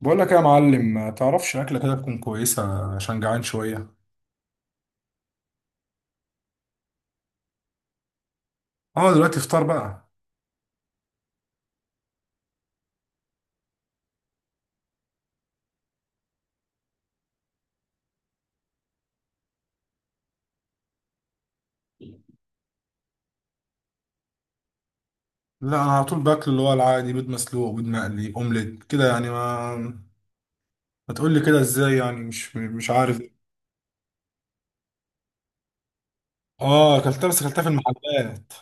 بقول لك يا معلم، ما تعرفش اكله كده تكون كويسه عشان جعان شويه. اه، دلوقتي فطار بقى. لا، انا على طول باكل اللي هو العادي، بيض مسلوق، بيض مقلي، اومليت كده، يعني ما تقول لي كده ازاي، يعني مش عارف. اه، اكلتها بس اكلتها في المحلات.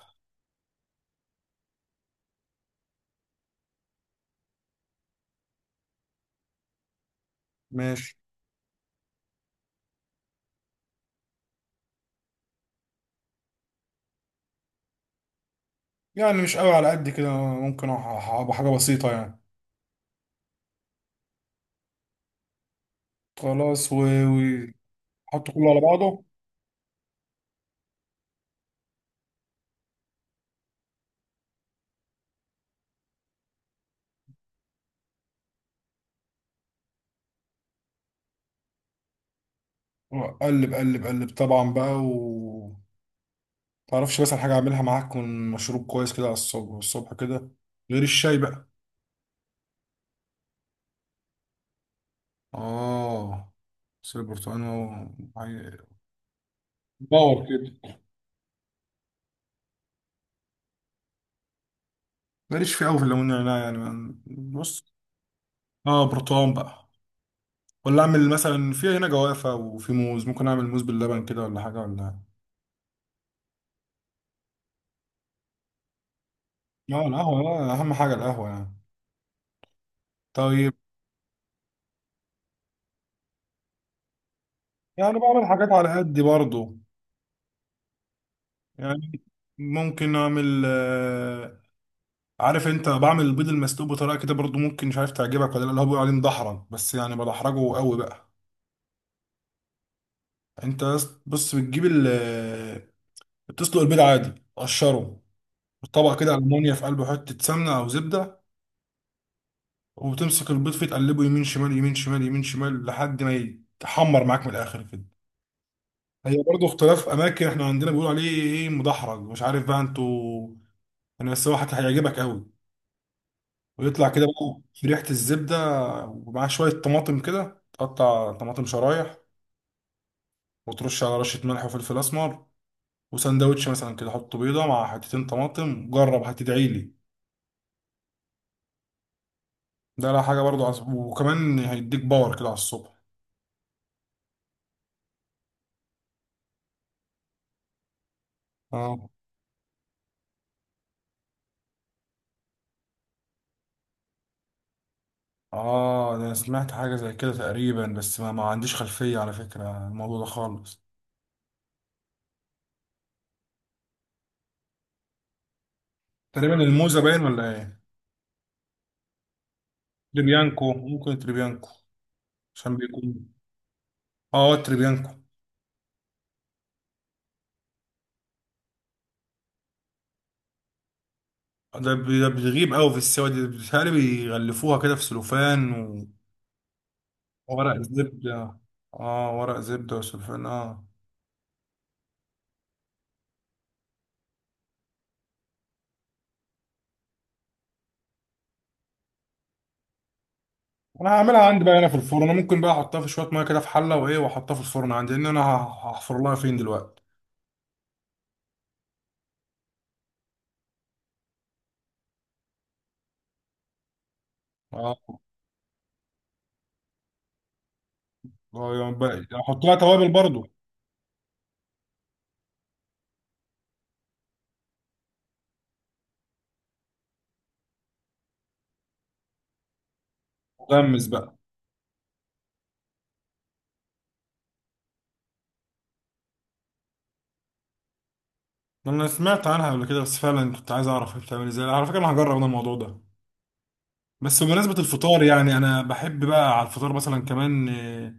ماشي. يعني مش قوي على قد كده، ممكن ابقى حاجه بسيطه يعني. خلاص وحط كله على بعضه. وقلب قلب قلب طبعا بقى. تعرفش بس حاجه اعملها معاك من مشروب كويس كده على الصبح، الصبح كده، غير الشاي بقى. اه. بس البرتقال هو عي- باور كده. ماليش فيه قوي في الليمون والنعناع يعني بص. اه، برتقال بقى. ولا اعمل مثلا، في هنا جوافه وفي موز، ممكن اعمل موز باللبن كده، ولا حاجه ولا. اه، القهوه لا، اهم حاجه القهوه يعني. طيب. يعني بعمل حاجات على قدي برضو. يعني ممكن اعمل، عارف انت، بعمل البيض المسلوق بطريقه كده برضو، ممكن مش عارف تعجبك ولا لا، اللي هو بيقول عليه مدحرج، بس يعني بدحرجه قوي بقى. انت بص، بتجيب، بتسلق البيض عادي، تقشره، طبق كده ألمونيا، في قلبه حتة سمنة أو زبدة، وتمسك البيض فيه، تقلبه يمين شمال يمين شمال يمين شمال لحد ما يتحمر معاك من الآخر كده. هي برضه اختلاف أماكن، احنا عندنا بيقولوا عليه إيه، مدحرج، مش عارف بقى أنتوا. أنا بس هو حتى هيعجبك أوي، ويطلع كده بقى في ريحة الزبدة، ومعاه شوية طماطم كده، تقطع طماطم شرايح، وترش على رشة ملح وفلفل أسمر، وسندوتش مثلا كده، حط بيضة مع حتتين طماطم، جرب هتدعيلي. ده لا حاجة برضو عصب. وكمان هيديك باور كده على الصبح. اه. اه، ده انا سمعت حاجة زي كده تقريبا، بس ما عنديش خلفية على فكرة عن الموضوع ده خالص. تقريبا الموزة باين ولا ايه؟ تريبيانكو، ممكن تريبيانكو، عشان بيكون. اه، تريبيانكو. ده بتغيب قوي في السوا دي، بيتهيألي بيغلفوها كده في سلوفان. وورق زبدة. اه، ورق زبدة وسلوفان، اه. انا هعملها عندي بقى هنا في الفرن، انا ممكن بقى احطها في شوية مية كده في حلة، وايه، واحطها في الفرن عندي، لان انا هحفر لها فين دلوقتي. اه. يعني احط لها توابل برضو. غمس بقى. انا سمعت عنها قبل كده، بس فعلا كنت عايز اعرف هي بتعمل ازاي، على فكره انا هجرب انا الموضوع ده. بس بمناسبه الفطار، يعني انا بحب بقى على الفطار مثلا كمان،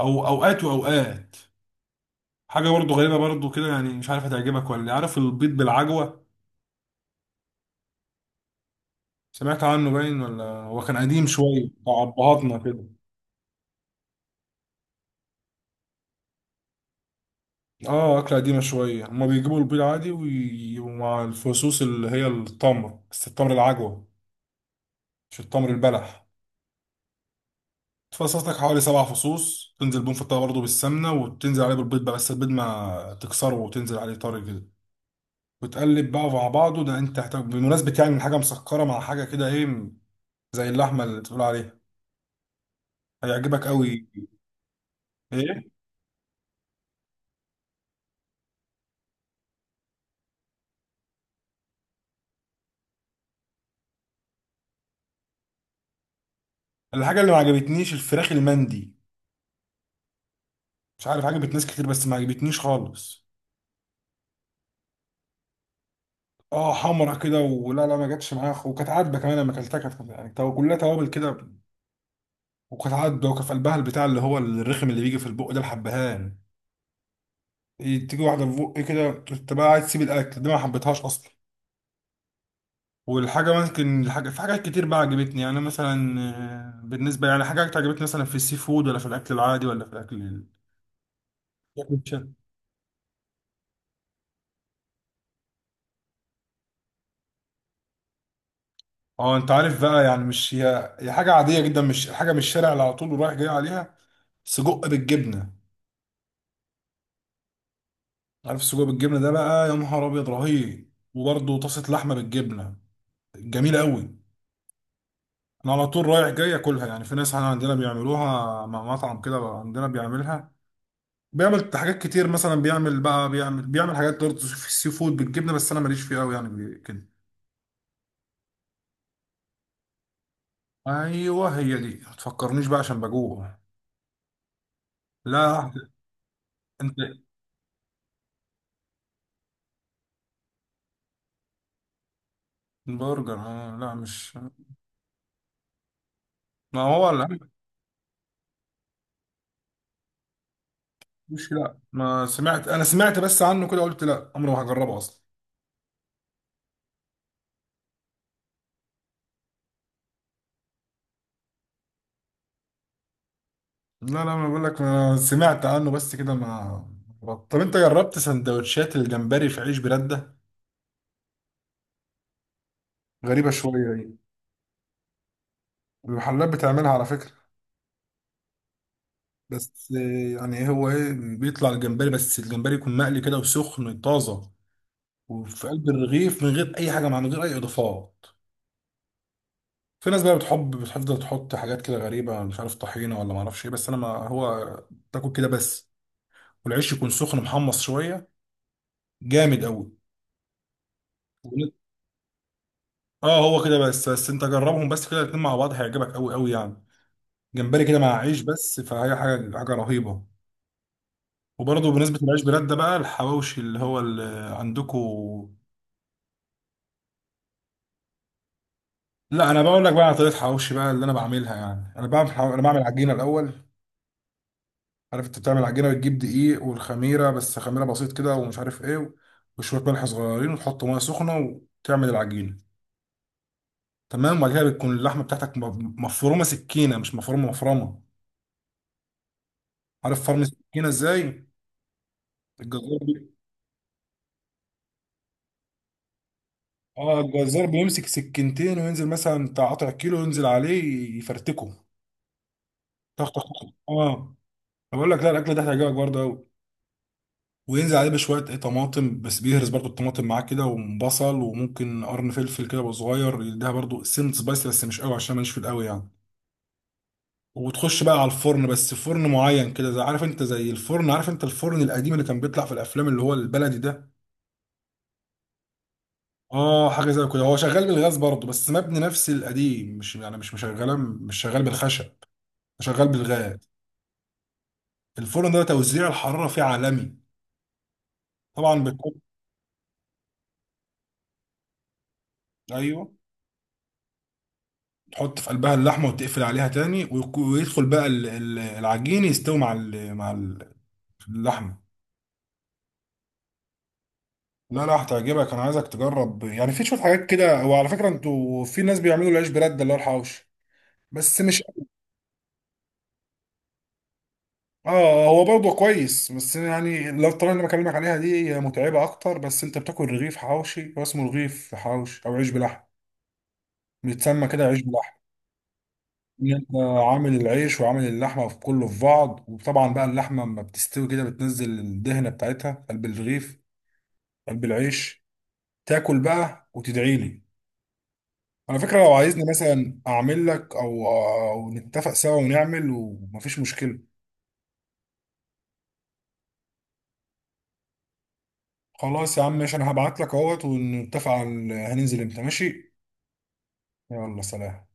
او اوقات واوقات حاجه برضو غريبه برضو كده، يعني مش عارف هتعجبك ولا إيه. عارف البيض بالعجوه؟ سمعت عنه باين، ولا هو كان قديم شويه بتاع ابهاتنا كده. اه، اكله قديمه شويه، هما بيجيبوا البيض عادي ومع الفصوص اللي هي التمر، بس التمر العجوه، مش التمر البلح. تفصص لك حوالي 7 فصوص، تنزل بيهم في الطاوة برضه بالسمنة، وتنزل عليه بالبيض بقى، بس البيض ما تكسره وتنزل عليه طري كده، وتقلب بقى مع بعضه. ده انت هتحتاج بمناسبة يعني من حاجة مسكرة مع حاجة كده ايه، زي اللحمة اللي بتقول عليها. هيعجبك قوي. ايه؟ الحاجة اللي ما عجبتنيش الفراخ المندي. مش عارف، عجبت ناس كتير بس ما عجبتنيش خالص. اه، حمرا كده ولا لا، ما جاتش معايا، وكانت عادبه كمان، لما اكلتها كانت يعني كلها توابل كده، وكانت عادبه، وكان في قلبها البتاع اللي هو الرخم اللي بيجي في البق ده، الحبهان، تيجي واحده في بقي كده، انت بقى عايز تسيب الاكل دي، ما حبيتهاش اصلا. والحاجه ممكن الحاجه في حاجات كتير بقى عجبتني، يعني مثلا، بالنسبه يعني حاجات عجبتني مثلا في السي فود، ولا في الاكل العادي، ولا في الاكل أكل الشارع. اه انت عارف بقى، يعني مش هي حاجه عاديه جدا، مش حاجه من الشارع اللي على طول رايح جاي عليها. سجق بالجبنه. عارف السجق بالجبنه ده بقى، يا نهار ابيض رهيب، وبرده طاسه لحمه بالجبنه. جميله قوي. انا على طول رايح جاي اكلها، يعني في ناس عندنا بيعملوها، مع مطعم كده عندنا بيعملها، بيعمل حاجات كتير مثلا، بيعمل بقى بيعمل حاجات برضه في السي فود بالجبنه، بس انا ماليش فيها قوي يعني كده. ايوه، هي دي، ما تفكرنيش بقى عشان بجوع. لا. انت، برجر، لا مش. ما هو لا. مش لا، ما سمعت انا سمعت بس عنه كده، قلت لا عمري ما هجربه اصلا. لا لا، ما بقول لك ما سمعت عنه بس كده ما طب انت جربت سندوتشات الجمبري في عيش بلاد ده؟ غريبه شويه دي. المحلات بتعملها على فكره. بس، يعني هو ايه، بيطلع الجمبري، بس الجمبري يكون مقلي كده وسخن طازه، وفي قلب الرغيف من غير اي حاجه، من غير اي اضافات. في ناس بقى بتحب بتفضل تحط حاجات كده غريبه، مش عارف طحينه ولا ما اعرفش ايه، بس انا، ما هو تاكل كده بس، والعيش يكون سخن محمص شويه، جامد قوي. اه هو كده بس انت جربهم بس كده الاتنين مع بعض، هيعجبك قوي قوي يعني. جمبري كده مع عيش بس، فهي حاجه رهيبه. وبرضه بالنسبه للعيش بلاد ده بقى، الحواوشي اللي عندكم. لا انا بقول لك بقى على طريقه حواوشي بقى اللي انا بعملها، يعني انا بعمل عجينه الاول. عارف انت بتعمل عجينه، بتجيب دقيق والخميره، بس خميره بسيط كده ومش عارف ايه، وشويه ملح صغيرين، وتحط ميه سخنه، وتعمل العجينه. تمام. وبعد كده بتكون اللحمه بتاعتك مفرومه سكينه، مش مفرومه، مفرمه. عارف فرم السكينه ازاي؟ الجزار بي... اه الجزار بيمسك سكينتين، وينزل مثلا بتاع قطع كيلو، ينزل عليه، يفرتكه، تخ تخ تخ. اه. بقول لك، لا الاكل ده هيعجبك برضه قوي. وينزل عليه بشويه ايه طماطم، بس بيهرس برضو الطماطم معاه كده، وبصل، وممكن قرن فلفل كده يبقى صغير، يديها برضو سنة سبايس، بس مش قوي عشان ماليش في القوي يعني. وتخش بقى على الفرن، بس فرن معين كده زي، عارف انت، زي الفرن، عارف انت الفرن القديم اللي كان بيطلع في الافلام، اللي هو البلدي ده. اه، حاجه زي كده، هو شغال بالغاز برضو، بس مبني نفس القديم، مش يعني مش مشغله مش شغال بالخشب. شغال بالغاز. الفرن ده توزيع الحراره فيه عالمي. طبعا بتحط. ايوه. تحط في قلبها اللحمه، وتقفل عليها تاني، ويدخل بقى العجين، يستوي مع اللحمه. لا لا، هتعجبك، انا عايزك تجرب، يعني في شويه حاجات كده، وعلى فكره انتوا في ناس بيعملوا العيش برده اللي هو الحوش، بس مش. اه هو برضه كويس، بس يعني لو الطريقه اللي بكلمك عليها دي هي متعبه اكتر، بس انت بتاكل رغيف حوشي، هو اسمه رغيف حوشي او عيش بلحم، بيتسمى كده عيش بلحم. ان انت عامل العيش وعامل اللحمه، في كله في بعض، وطبعا بقى اللحمه لما بتستوي كده، بتنزل الدهنه بتاعتها قلب الرغيف، قلب العيش. تاكل بقى وتدعي لي. على فكره لو عايزني مثلا اعمل لك، او نتفق سوا ونعمل، ومفيش مشكله. خلاص يا عم ماشي، انا هبعت لك اهوت ونتفق على هننزل امتى. ماشي. يلا سلام.